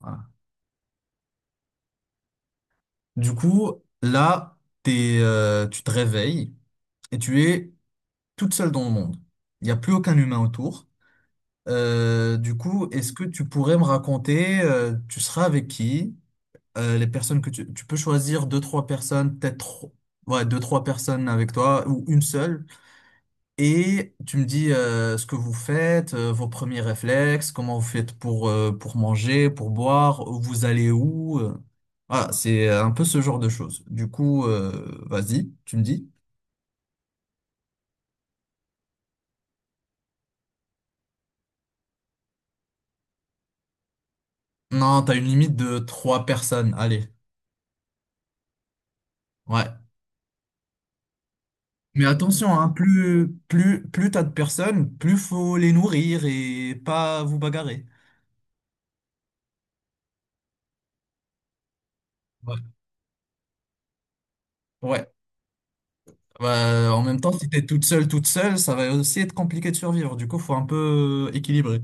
Voilà. Du coup, là, tu te réveilles et tu es toute seule dans le monde. Il n'y a plus aucun humain autour. Du coup, est-ce que tu pourrais me raconter, tu seras avec qui? Les personnes que tu peux choisir deux, trois personnes, peut-être, ouais, deux, trois personnes avec toi ou une seule. Et tu me dis ce que vous faites, vos premiers réflexes, comment vous faites pour manger, pour boire, vous allez où? Voilà, c'est un peu ce genre de choses. Du coup, vas-y, tu me dis. Non, t'as une limite de trois personnes. Allez, ouais. Mais attention, hein, plus t'as de personnes, plus faut les nourrir et pas vous bagarrer. Ouais. Ouais. Bah, en même temps, si t'es toute seule, ça va aussi être compliqué de survivre. Du coup, faut un peu équilibrer.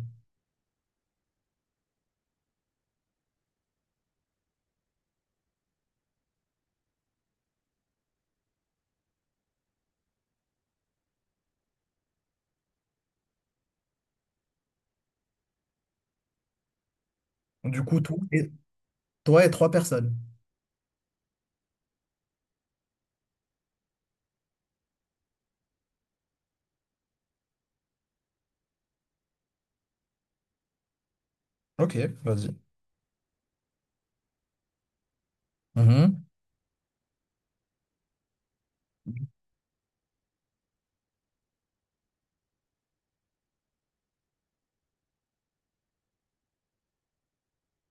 Du coup, toi, Toi et trois personnes. Ok, vas-y. Mhm.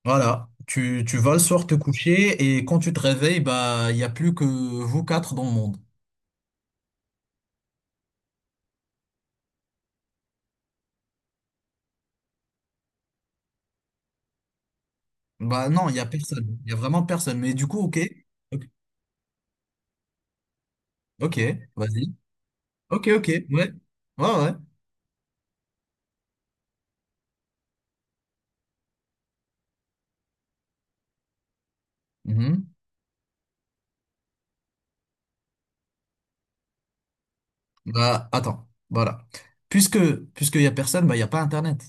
Voilà. Tu vas le soir te coucher et quand tu te réveilles, bah, il n'y a plus que vous quatre dans le monde. Bah non, il n'y a personne. Il n'y a vraiment personne. Mais du coup, ok. Ok, ok, vas-y. Ok, ok, ouais. Ouais, ouais. Mhm. Bah, attends. Voilà. Puisque, puisqu'il n'y a personne, bah, il n'y a pas Internet.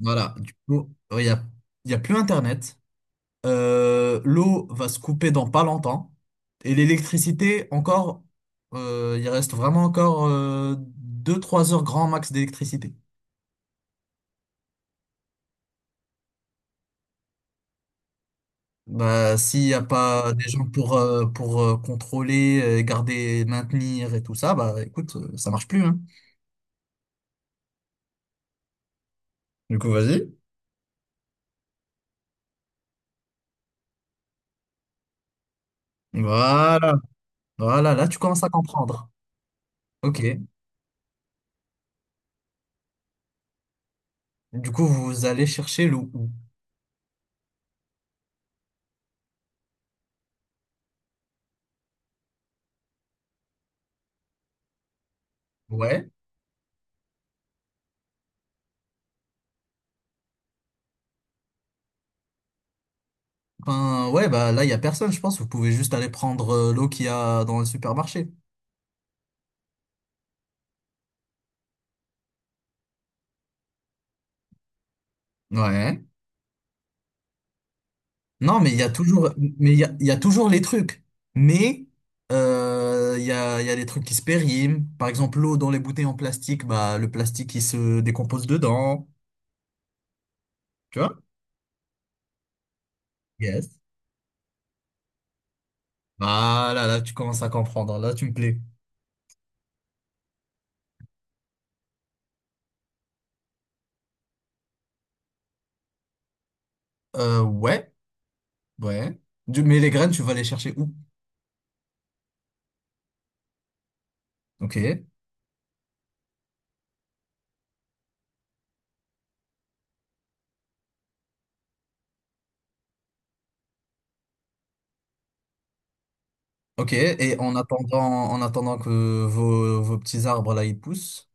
Voilà. Du coup, ouais, il y a plus Internet. L'eau va se couper dans pas longtemps. Et l'électricité, encore, il reste vraiment encore deux trois heures grand max d'électricité. Bah, s'il n'y a pas des gens pour, contrôler, garder, maintenir et tout ça, bah écoute, ça marche plus, hein. Du coup, vas-y. Voilà. Voilà, là, tu commences à comprendre. Ok. Du coup, vous allez chercher l'eau où? Ouais. Ben ouais, bah là, il n'y a personne, je pense. Vous pouvez juste aller prendre l'eau qu'il y a dans le supermarché. Ouais. Non, mais il y a toujours, mais il y a toujours les trucs. Mais il y a des trucs qui se périment. Par exemple, l'eau dans les bouteilles en plastique, bah, le plastique, il se décompose dedans. Tu vois? Yes. Bah là, là, tu commences à comprendre. Là, tu me plais. Ouais, ouais. Mais les graines, tu vas les chercher où? Ok, ok. Et en attendant que vos petits arbres, là, ils poussent,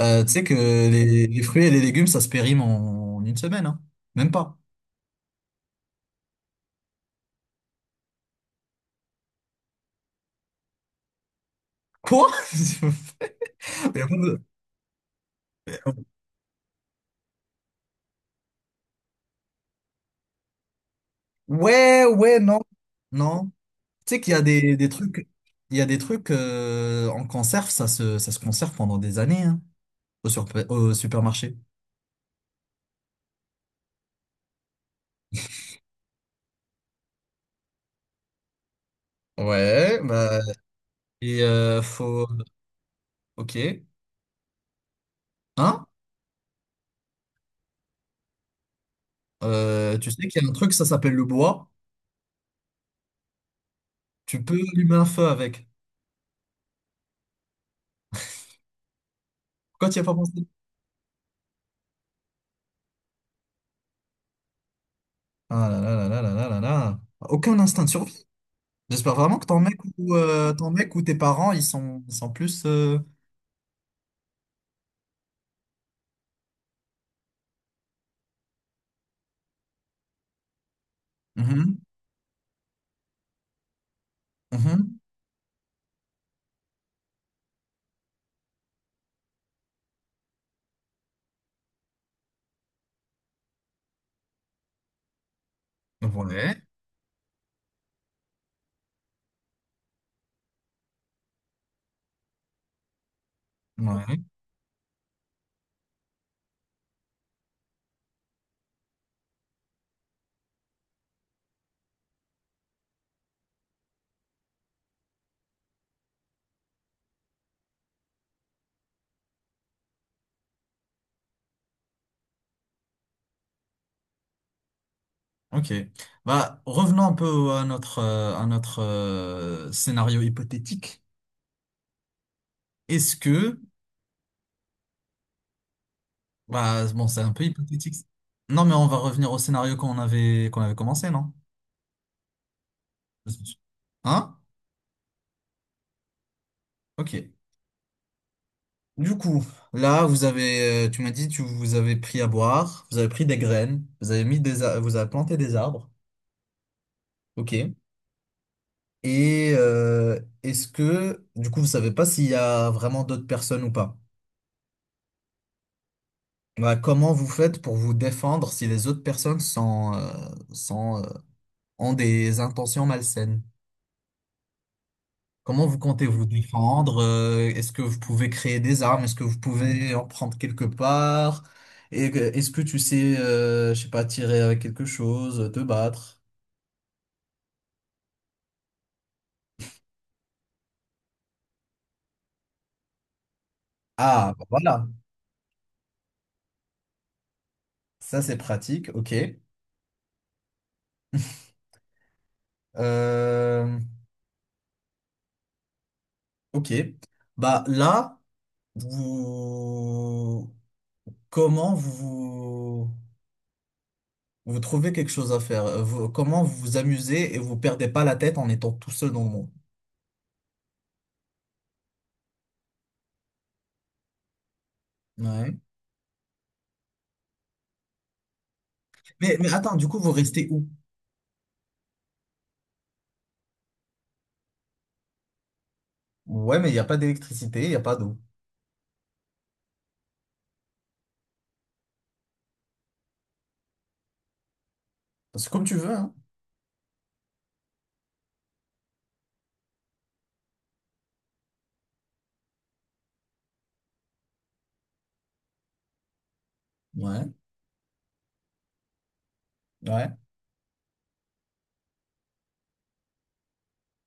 tu sais que les fruits et les légumes, ça se périme en une semaine, hein. Même pas. Quoi? Y a pas de- Ouais, ouais, non, non. Tu sais qu'il y a des trucs, il y a des trucs en conserve, ça se conserve pendant des années, hein, au supermarché. Ouais, bah, et faut, ok, hein? Tu sais qu'il y a un truc, ça s'appelle le bois. Tu peux allumer un feu avec. Pourquoi tu n'y as pas pensé? Ah là là là là là là là là. Aucun instinct de survie. J'espère vraiment que ton mec ou tes parents, ils sont plus. Mhm, mhm. Ouais. Ouais. Ok. Bah, revenons un peu à notre scénario hypothétique. Est-ce que, bah, bon, c'est un peu hypothétique. Non, mais on va revenir au scénario qu'on avait commencé, non? Hein? Ok. Du coup, là, tu m'as dit, tu vous avez pris à boire, vous avez pris des graines, vous avez mis vous avez planté des arbres. Ok. Et est-ce que, du coup, vous savez pas s'il y a vraiment d'autres personnes ou pas? Bah, comment vous faites pour vous défendre si les autres personnes ont des intentions malsaines? Comment vous comptez vous défendre? Est-ce que vous pouvez créer des armes? Est-ce que vous pouvez en prendre quelque part? Est-ce que tu sais, je sais pas, tirer avec quelque chose, te battre? Ah, bah voilà, ça c'est pratique, ok. Euh, ok. Bah là, vous... comment vous... Vous trouvez quelque chose à faire. Comment vous vous amusez et vous perdez pas la tête en étant tout seul dans le monde. Ouais. Mais attends, du coup, vous restez où? Ouais, mais il n'y a pas d'électricité, il n'y a pas d'eau. C'est comme tu veux, hein. Ouais. Ouais.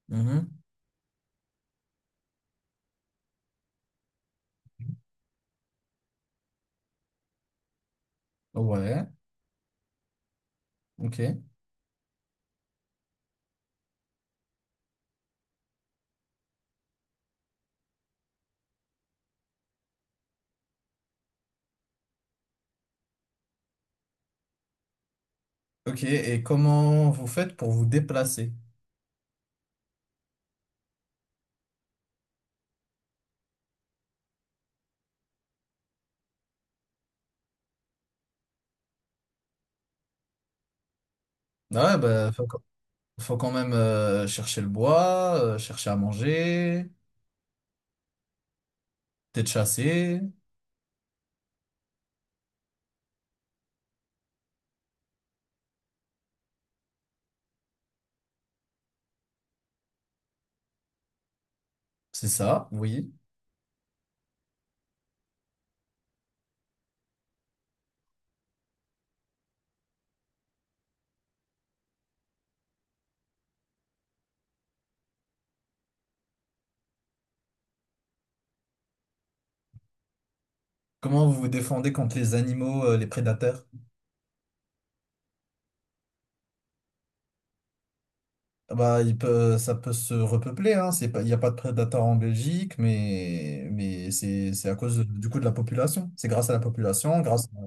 Mhm. Ouais. Ok. Ok. Et comment vous faites pour vous déplacer? Ah ouais, bah, faut quand même chercher le bois, chercher à manger, peut-être chasser. C'est ça, oui. Comment vous vous défendez contre les animaux, les prédateurs? Bah, ça peut se repeupler, hein. C'est pas, il n'y a pas de prédateurs en Belgique, mais c'est à cause du coup de la population. C'est grâce à la population, grâce à.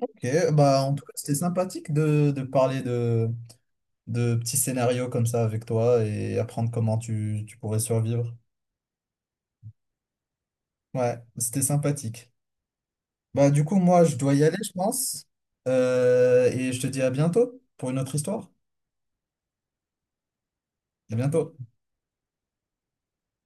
Ok, bah, en tout cas, c'était sympathique de parler de petits scénarios comme ça avec toi et apprendre comment tu pourrais survivre. Ouais, c'était sympathique. Bah, du coup, moi, je dois y aller, je pense. Et je te dis à bientôt pour une autre histoire. À bientôt.